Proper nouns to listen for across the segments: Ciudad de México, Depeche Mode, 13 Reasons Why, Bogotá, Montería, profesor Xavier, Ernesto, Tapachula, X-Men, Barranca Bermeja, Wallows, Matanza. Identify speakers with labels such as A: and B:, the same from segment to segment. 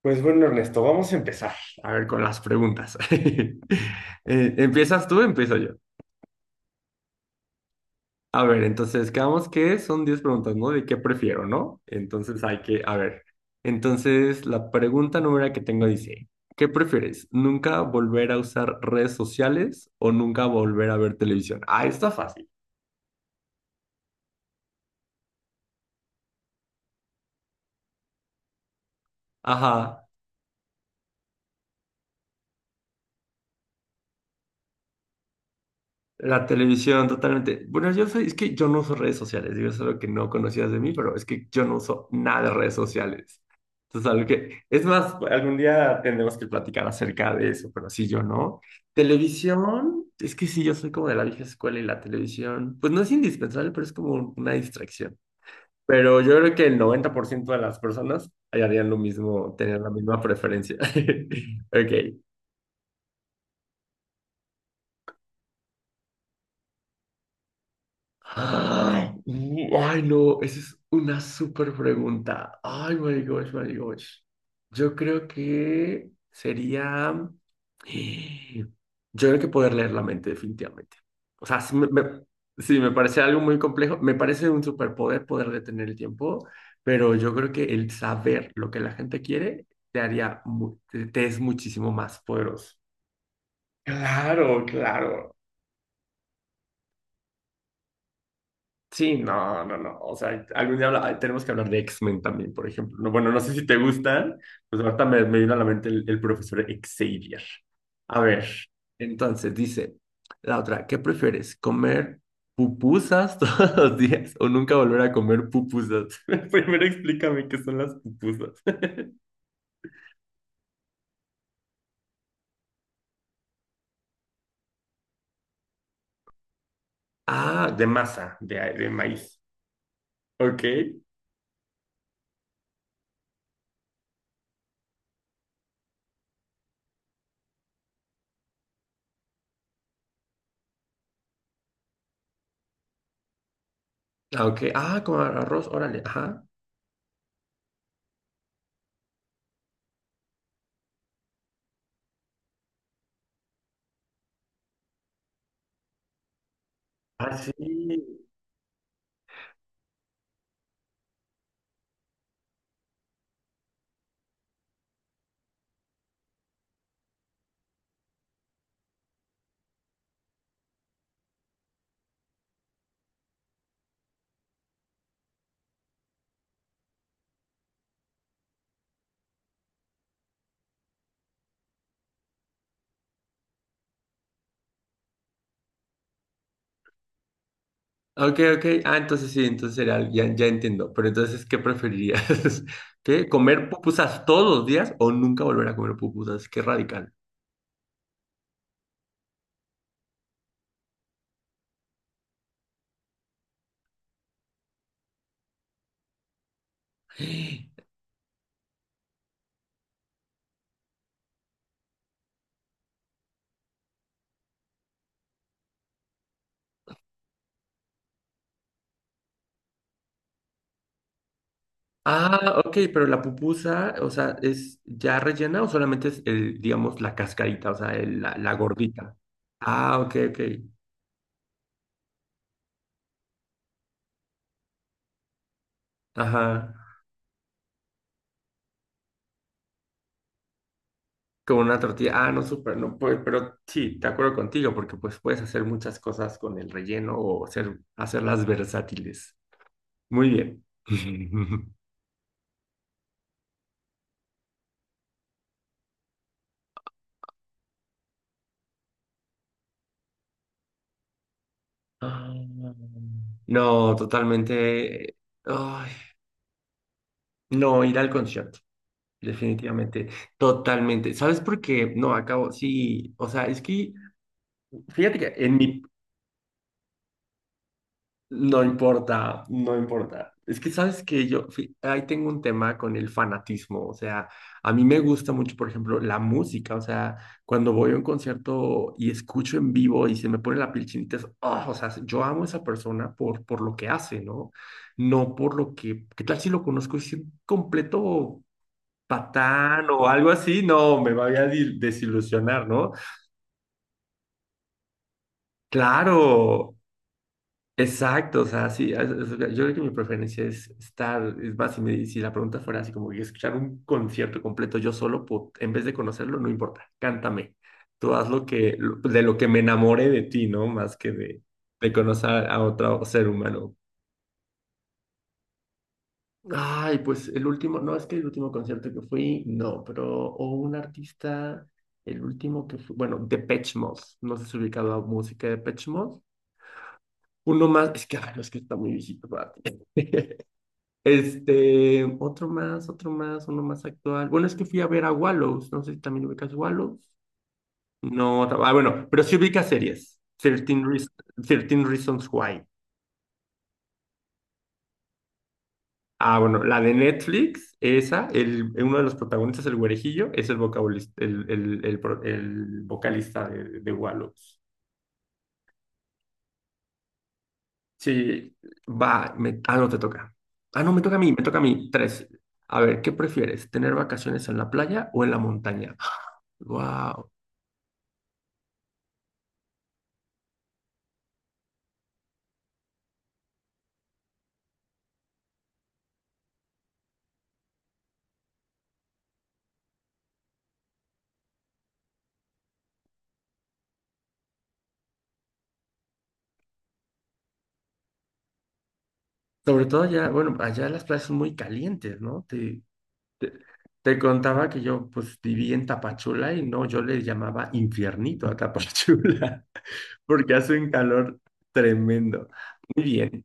A: Pues bueno, Ernesto, vamos a empezar. A ver, con las preguntas. ¿Empiezas tú? Empiezo yo. A ver, entonces, quedamos que son 10 preguntas, ¿no? De qué prefiero, ¿no? Entonces hay que, a ver. Entonces, la pregunta número que tengo dice, ¿qué prefieres? ¿Nunca volver a usar redes sociales o nunca volver a ver televisión? Ah, está fácil. Ajá. La televisión, totalmente. Bueno, yo soy, es que yo no uso redes sociales, digo, eso es algo que no conocías de mí, pero es que yo no uso nada de redes sociales. Entonces, algo que, es más, algún día tendremos que platicar acerca de eso, pero sí, yo no. Televisión, es que sí, yo soy como de la vieja escuela y la televisión, pues no es indispensable, pero es como una distracción. Pero yo creo que el 90% de las personas harían lo mismo, tener la misma preferencia. Ok. Ay, ay, no, esa es una súper pregunta. Ay, my gosh, my gosh. Yo creo que sería... eh, Yo creo que poder leer la mente, definitivamente. O sea, sí, me parece algo muy complejo. Me parece un superpoder poder detener el tiempo, pero yo creo que el saber lo que la gente quiere te haría, te es muchísimo más poderoso. Claro, claro. Sí, no, no, no. O sea, algún día tenemos que hablar de X-Men también, por ejemplo. No, bueno, no sé si te gustan. Pues ahorita me vino a la mente el profesor Xavier. A ver, entonces dice la otra, ¿qué prefieres? ¿Comer pupusas todos los días o nunca volver a comer pupusas? Primero explícame qué son las pupusas. Ah, de masa, de maíz. Ok. Ah, ok. Ah, como arroz, órale. Ajá. Ah, sí. Ok, ok. Ah, entonces sí, entonces era, ya, ya entiendo. Pero entonces, ¿qué preferirías? ¿Qué? ¿Comer pupusas todos los días o nunca volver a comer pupusas? Qué radical. Ah, ok, pero la pupusa, o sea, ¿es ya rellena o solamente es, el, digamos, la cascarita, o sea, la gordita? Ah, ok, ok. Ajá. Como una tortilla. Ah, no, súper, no, pues, pero sí, de acuerdo contigo, porque pues puedes hacer muchas cosas con el relleno o hacerlas versátiles. Muy bien. Ah, no, totalmente. Ay, no, ir al concierto, definitivamente, totalmente. ¿Sabes por qué? No, acabo, sí, o sea, es que, fíjate que en mi. No importa, no importa. Es que sabes que yo ahí tengo un tema con el fanatismo, o sea, a mí me gusta mucho, por ejemplo, la música, o sea, cuando voy a un concierto y escucho en vivo y se me pone la piel chinita, es, "Ah", o sea, yo amo a esa persona por lo que hace, ¿no? No por lo que, ¿qué tal si lo conozco y es un completo patán o algo así? No, me voy a desilusionar, ¿no? Claro. Exacto, o sea, sí, yo creo que mi preferencia es estar, es más, si la pregunta fuera así como que escuchar un concierto completo yo solo, en vez de conocerlo, no importa, cántame, tú haz lo que, de lo que me enamore de ti, ¿no? Más que de conocer a otro ser humano. Ay, pues el último, no, es que el último concierto que fui, no, pero, o un artista, el último que fue, bueno, Depeche Mode, no sé si has ubicado a música de Depeche Mode, uno más, es que, ay, no, es que está muy viejito para ti. Otro más, otro más, uno más actual. Bueno, es que fui a ver a Wallows. No sé si también ubicas Wallows. No, ah, bueno, pero sí ubicas series. 13, 13 Reasons Why. Ah, bueno, la de Netflix, esa, el, uno de los protagonistas, el güerejillo, es el vocalista, el vocalista de Wallows. Sí, va, ah, no te toca. Ah, no, me toca a mí, me toca a mí. Tres. A ver, ¿qué prefieres? ¿Tener vacaciones en la playa o en la montaña? Wow. Sobre todo allá, bueno, allá las playas son muy calientes, ¿no? Te, te contaba que yo pues viví en Tapachula y no, yo le llamaba infiernito a Tapachula, porque hace un calor tremendo. Muy bien.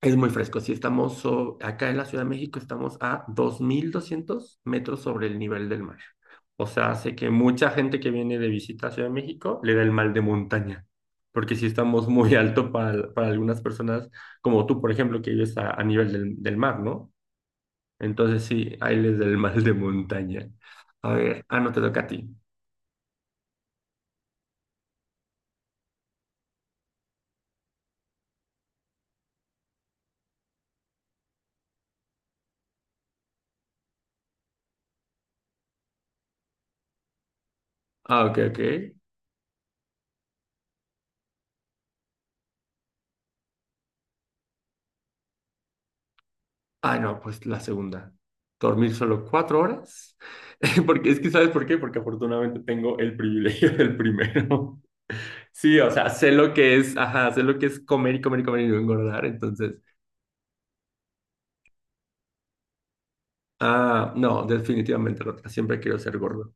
A: Es muy fresco. Si estamos acá en la Ciudad de México estamos a 2200 metros sobre el nivel del mar. O sea, hace que mucha gente que viene de visita a Ciudad de México le da el mal de montaña, porque si estamos muy alto para algunas personas, como tú, por ejemplo, que vives a nivel del mar, ¿no? Entonces sí, ahí les da el mal de montaña. A ver, ah, no te toca a ti. Ah, ok, ok. Ah, no, pues la segunda. Dormir solo 4 horas. Porque es que, ¿sabes por qué? Porque afortunadamente tengo el privilegio del primero. Sí, o sea, sé lo que es, ajá, sé lo que es comer y comer y comer y no engordar. Entonces, ah, no, definitivamente la otra. Siempre quiero ser gordo.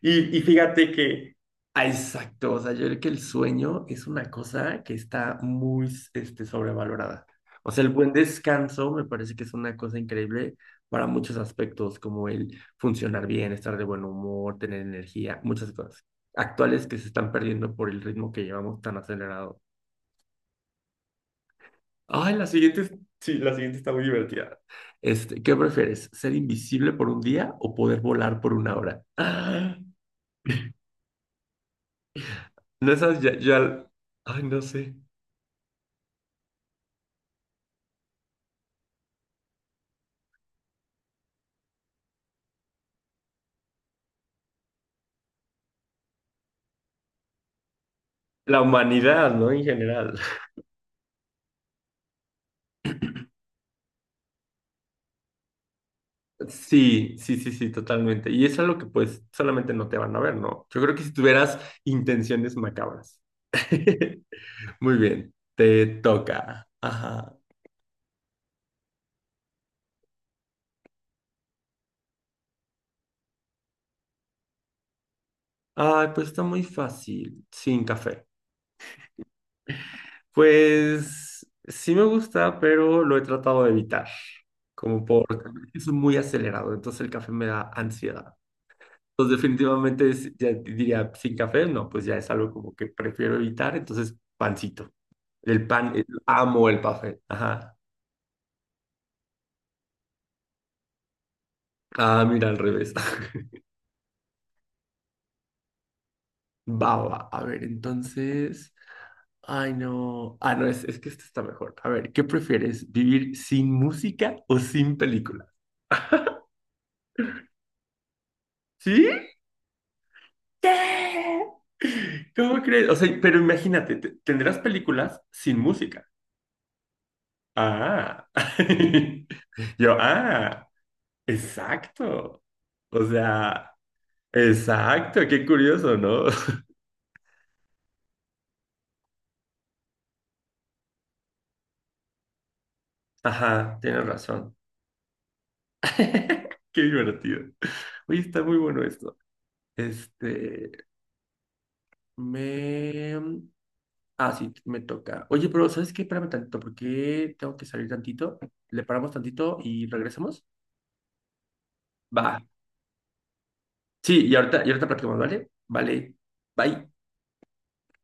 A: Y fíjate que, ah, exacto, o sea, yo creo que el sueño es una cosa que está muy sobrevalorada. O sea, el buen descanso me parece que es una cosa increíble para muchos aspectos, como el funcionar bien, estar de buen humor, tener energía, muchas cosas actuales que se están perdiendo por el ritmo que llevamos tan acelerado. Ay, la siguiente, sí, la siguiente está muy divertida. ¿Qué prefieres? ¿Ser invisible por un día o poder volar por 1 hora? No esas ya, ay, no sé. La humanidad, ¿no? En general. Sí, sí, sí, sí, totalmente. Y eso es lo que pues solamente no te van a ver, ¿no? Yo creo que si tuvieras intenciones macabras. Muy bien, te toca. Ajá. Ay, pues está muy fácil, sin café. Pues sí me gusta, pero lo he tratado de evitar, como por. Es muy acelerado, entonces el café me da ansiedad. Pues definitivamente ya diría, sin café, no, pues ya es algo como que prefiero evitar, entonces pancito. El pan, amo el café. Ajá. Ah, mira, al revés. Baba, a ver, entonces. Ay, no. Ah, no, es que este está mejor. A ver, ¿qué prefieres? ¿Vivir sin música o sin película? ¿Sí? ¡Sí! ¿Cómo crees? O sea, pero imagínate, tendrás películas sin música. Ah. Yo, ah. Exacto. O sea, exacto, qué curioso, ¿no? Ajá, tienes razón. Qué divertido. Oye, está muy bueno esto. Este, me... mm, Ah, sí, me toca. Oye, pero ¿sabes qué? Espérame tantito, porque tengo que salir tantito. Le paramos tantito y regresamos. Va. Sí, y ahorita platicamos, ¿vale? Vale. Bye.